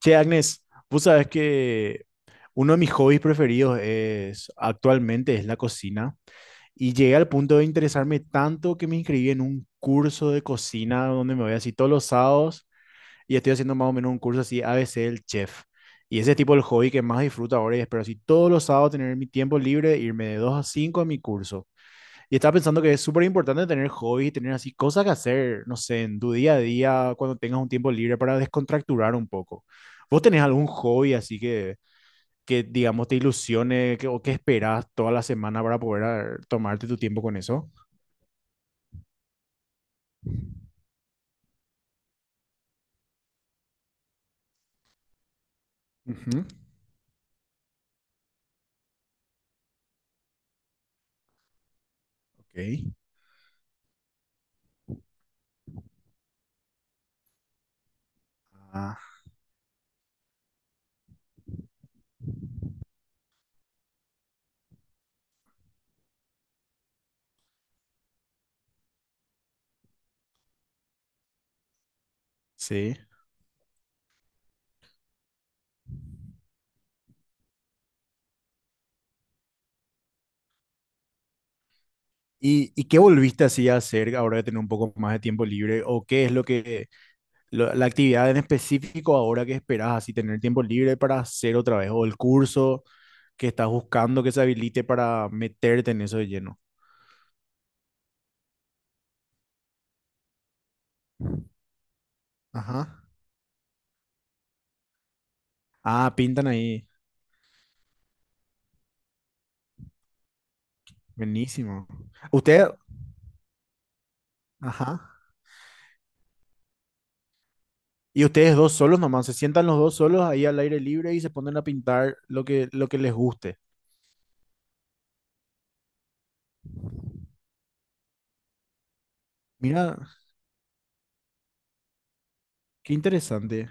Che, Agnes, vos sabés que uno de mis hobbies preferidos es actualmente es la cocina y llegué al punto de interesarme tanto que me inscribí en un curso de cocina donde me voy así todos los sábados y estoy haciendo más o menos un curso así a ABC del chef. Y ese es tipo el hobby que más disfruto ahora y espero así todos los sábados tener mi tiempo libre, e irme de 2 a 5 a mi curso. Y estaba pensando que es súper importante tener hobbies, tener así cosas que hacer, no sé, en tu día a día, cuando tengas un tiempo libre para descontracturar un poco. ¿Vos tenés algún hobby así que digamos, te ilusione que- o que esperás toda la semana para poder tomarte tu tiempo con eso? Ujú. Ok. Ah, sí. ¿Y qué volviste así a hacer ahora de tener un poco más de tiempo libre? ¿O qué es la actividad en específico ahora que esperás así tener tiempo libre para hacer otra vez? ¿O el curso que estás buscando que se habilite para meterte en eso de lleno? Ajá. Ah, pintan ahí. Buenísimo. Usted, ajá, y ustedes dos solos nomás, se sientan los dos solos ahí al aire libre y se ponen a pintar lo que les guste. Mira, qué interesante.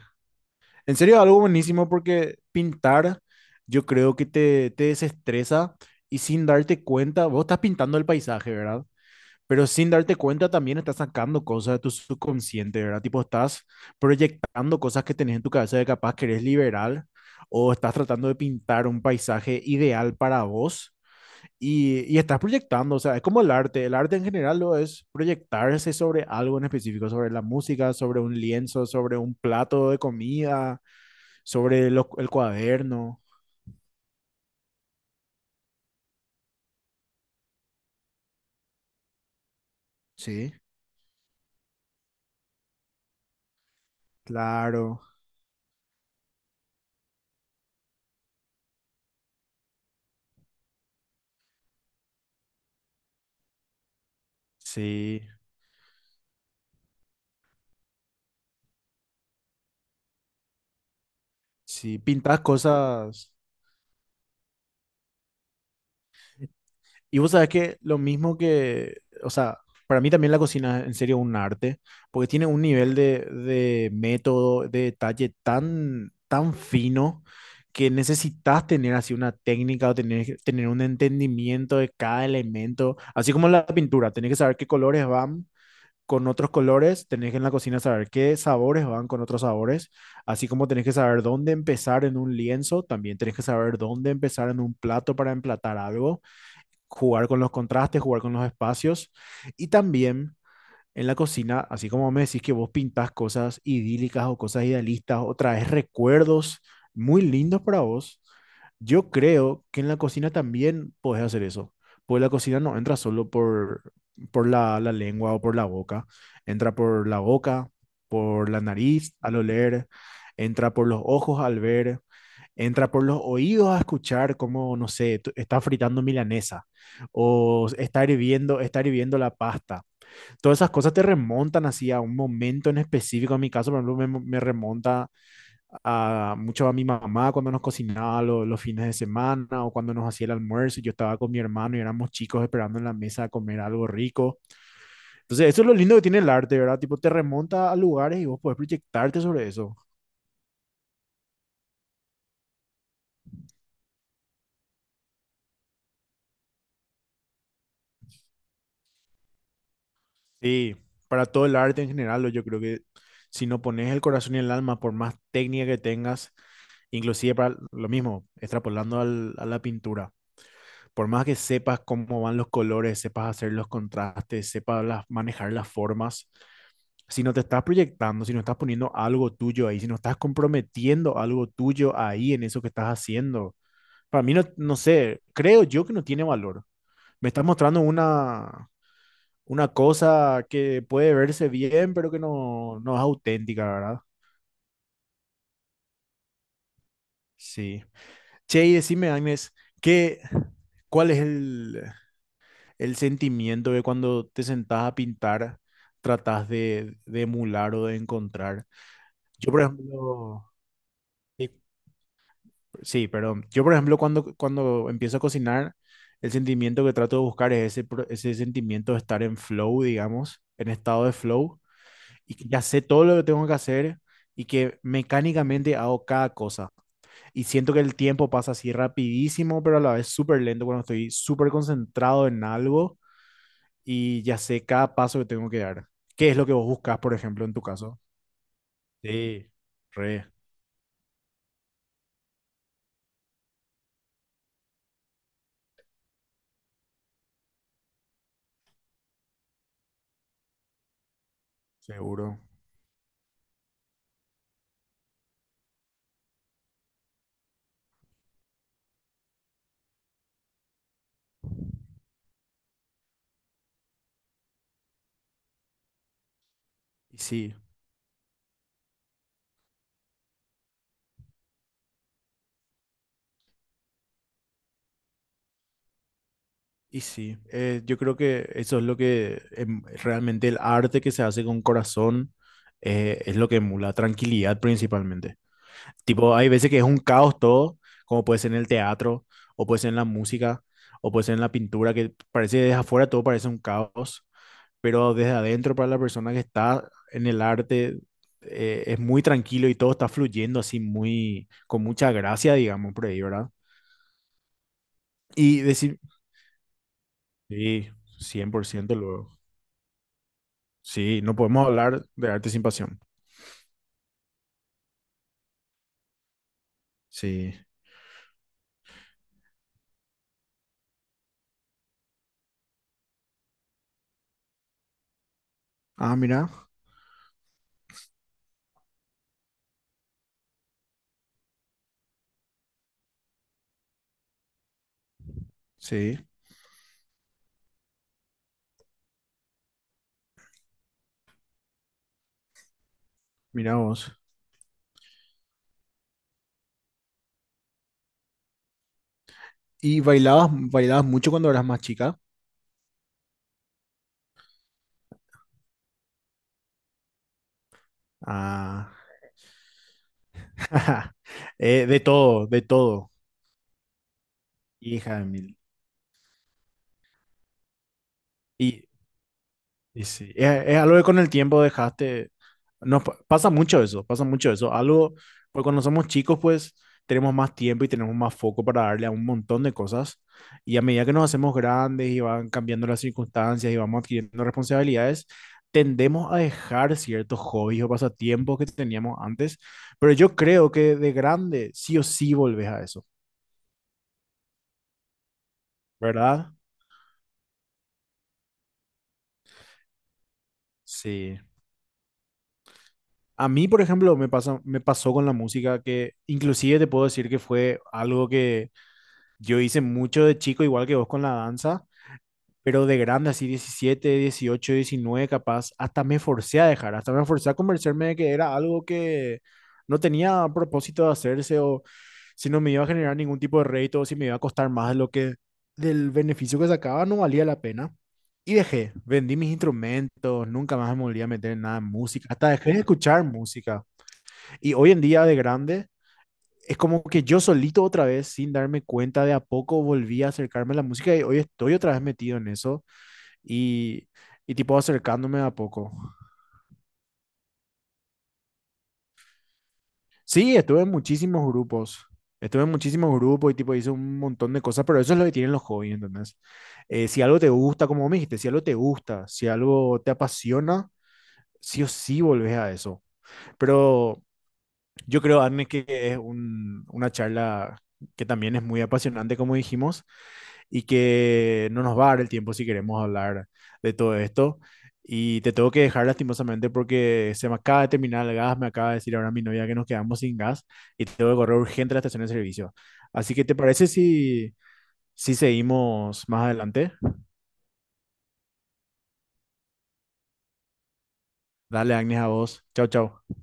En serio, algo buenísimo porque pintar yo creo que te desestresa y sin darte cuenta, vos estás pintando el paisaje, ¿verdad? Pero sin darte cuenta también estás sacando cosas de tu subconsciente, ¿verdad? Tipo, estás proyectando cosas que tenés en tu cabeza de capaz que eres liberal o estás tratando de pintar un paisaje ideal para vos y estás proyectando, o sea, es como el arte en general lo es proyectarse sobre algo en específico, sobre la música, sobre un lienzo, sobre un plato de comida, sobre el cuaderno. ¿Sí? Claro, sí, sí, pintas cosas. Y vos sabés que lo mismo que, o sea, para mí también la cocina es en serio un arte, porque tiene un nivel de método, de detalle tan, tan fino que necesitas tener así una técnica o tener un entendimiento de cada elemento, así como la pintura, tenés que saber qué colores van con otros colores, tenés que en la cocina saber qué sabores van con otros sabores, así como tenés que saber dónde empezar en un lienzo, también tenés que saber dónde empezar en un plato para emplatar algo, jugar con los contrastes, jugar con los espacios y también en la cocina, así como me decís que vos pintás cosas idílicas o cosas idealistas o traes recuerdos muy lindos para vos, yo creo que en la cocina también podés hacer eso. Pues la cocina no entra solo por la, la lengua o por la boca, entra por la boca, por la nariz al oler, entra por los ojos al ver, entra por los oídos a escuchar cómo no sé, está fritando milanesa o está hirviendo la pasta, todas esas cosas te remontan así a un momento en específico. En mi caso, por ejemplo, me remonta a, mucho a mi mamá cuando nos cocinaba los fines de semana o cuando nos hacía el almuerzo y yo estaba con mi hermano y éramos chicos esperando en la mesa a comer algo rico. Entonces, eso es lo lindo que tiene el arte, ¿verdad? Tipo, te remonta a lugares y vos podés proyectarte sobre eso. Sí, para todo el arte en general, yo creo que si no pones el corazón y el alma, por más técnica que tengas, inclusive para lo mismo, extrapolando a la pintura, por más que sepas cómo van los colores, sepas hacer los contrastes, sepas manejar las formas, si no te estás proyectando, si no estás poniendo algo tuyo ahí, si no estás comprometiendo algo tuyo ahí en eso que estás haciendo, para mí no, no sé, creo yo que no tiene valor. Me estás mostrando una cosa que puede verse bien, pero que no, no es auténtica, ¿verdad? Sí. Che, y decime, Agnes, ¿qué, cuál es el sentimiento de cuando te sentás a pintar, tratás de emular o de encontrar? Yo, por ejemplo, sí, sí, perdón. Yo, por ejemplo, cuando, cuando empiezo a cocinar, el sentimiento que trato de buscar es ese, ese sentimiento de estar en flow, digamos, en estado de flow, y que ya sé todo lo que tengo que hacer y que mecánicamente hago cada cosa. Y siento que el tiempo pasa así rapidísimo, pero a la vez súper lento cuando estoy súper concentrado en algo y ya sé cada paso que tengo que dar. ¿Qué es lo que vos buscas, por ejemplo, en tu caso? Sí, re, seguro. Y sí, y sí. Yo creo que eso es lo que realmente el arte que se hace con corazón es lo que emula tranquilidad principalmente. Tipo, hay veces que es un caos todo, como puede ser en el teatro, o puede ser en la música, o puede ser en la pintura, que parece desde afuera todo parece un caos, pero desde adentro para la persona que está en el arte es muy tranquilo y todo está fluyendo así muy, con mucha gracia, digamos, por ahí, ¿verdad? Y decir, sí, 100% luego. Sí, no podemos hablar de arte sin pasión. Sí. Ah, mira, sí, mira vos. ¿Y bailabas mucho cuando eras más chica? Ah, de todo, hija de mil. y Y sí, es algo que con el tiempo dejaste, nos pasa mucho eso, algo, porque cuando somos chicos pues tenemos más tiempo y tenemos más foco para darle a un montón de cosas y a medida que nos hacemos grandes y van cambiando las circunstancias y vamos adquiriendo responsabilidades, tendemos a dejar ciertos hobbies o pasatiempos que teníamos antes, pero yo creo que de grande sí o sí volvés a eso, ¿verdad? Sí. A mí, por ejemplo, me pasa, me pasó con la música, que inclusive te puedo decir que fue algo que yo hice mucho de chico, igual que vos con la danza, pero de grande, así 17, 18, 19 capaz, hasta me forcé a dejar, hasta me forcé a convencerme de que era algo que no tenía propósito de hacerse o si no me iba a generar ningún tipo de rédito o si me iba a costar más de lo que del beneficio que sacaba no valía la pena. Y dejé, vendí mis instrumentos, nunca más me volví a meter en nada en música, hasta dejé de escuchar música. Y hoy en día de grande, es como que yo solito otra vez, sin darme cuenta, de a poco volví a acercarme a la música y hoy estoy otra vez metido en eso y, y tipo acercándome de a poco. Sí, estuve en muchísimos grupos. Estuve en muchísimos grupos y tipo hice un montón de cosas, pero eso es lo que tienen los hobbies, ¿entendés? Si algo te gusta, como me dijiste, si algo te gusta, si algo te apasiona, sí o sí volvés a eso. Pero yo creo, Arne, que es una charla que también es muy apasionante, como dijimos, y que no nos va a dar el tiempo si queremos hablar de todo esto. Y te tengo que dejar lastimosamente porque se me acaba de terminar el gas, me acaba de decir ahora mi novia que nos quedamos sin gas y tengo que correr urgente a la estación de servicio. Así que, ¿te parece si seguimos más adelante? Dale, Agnes, a vos. Chao, chao.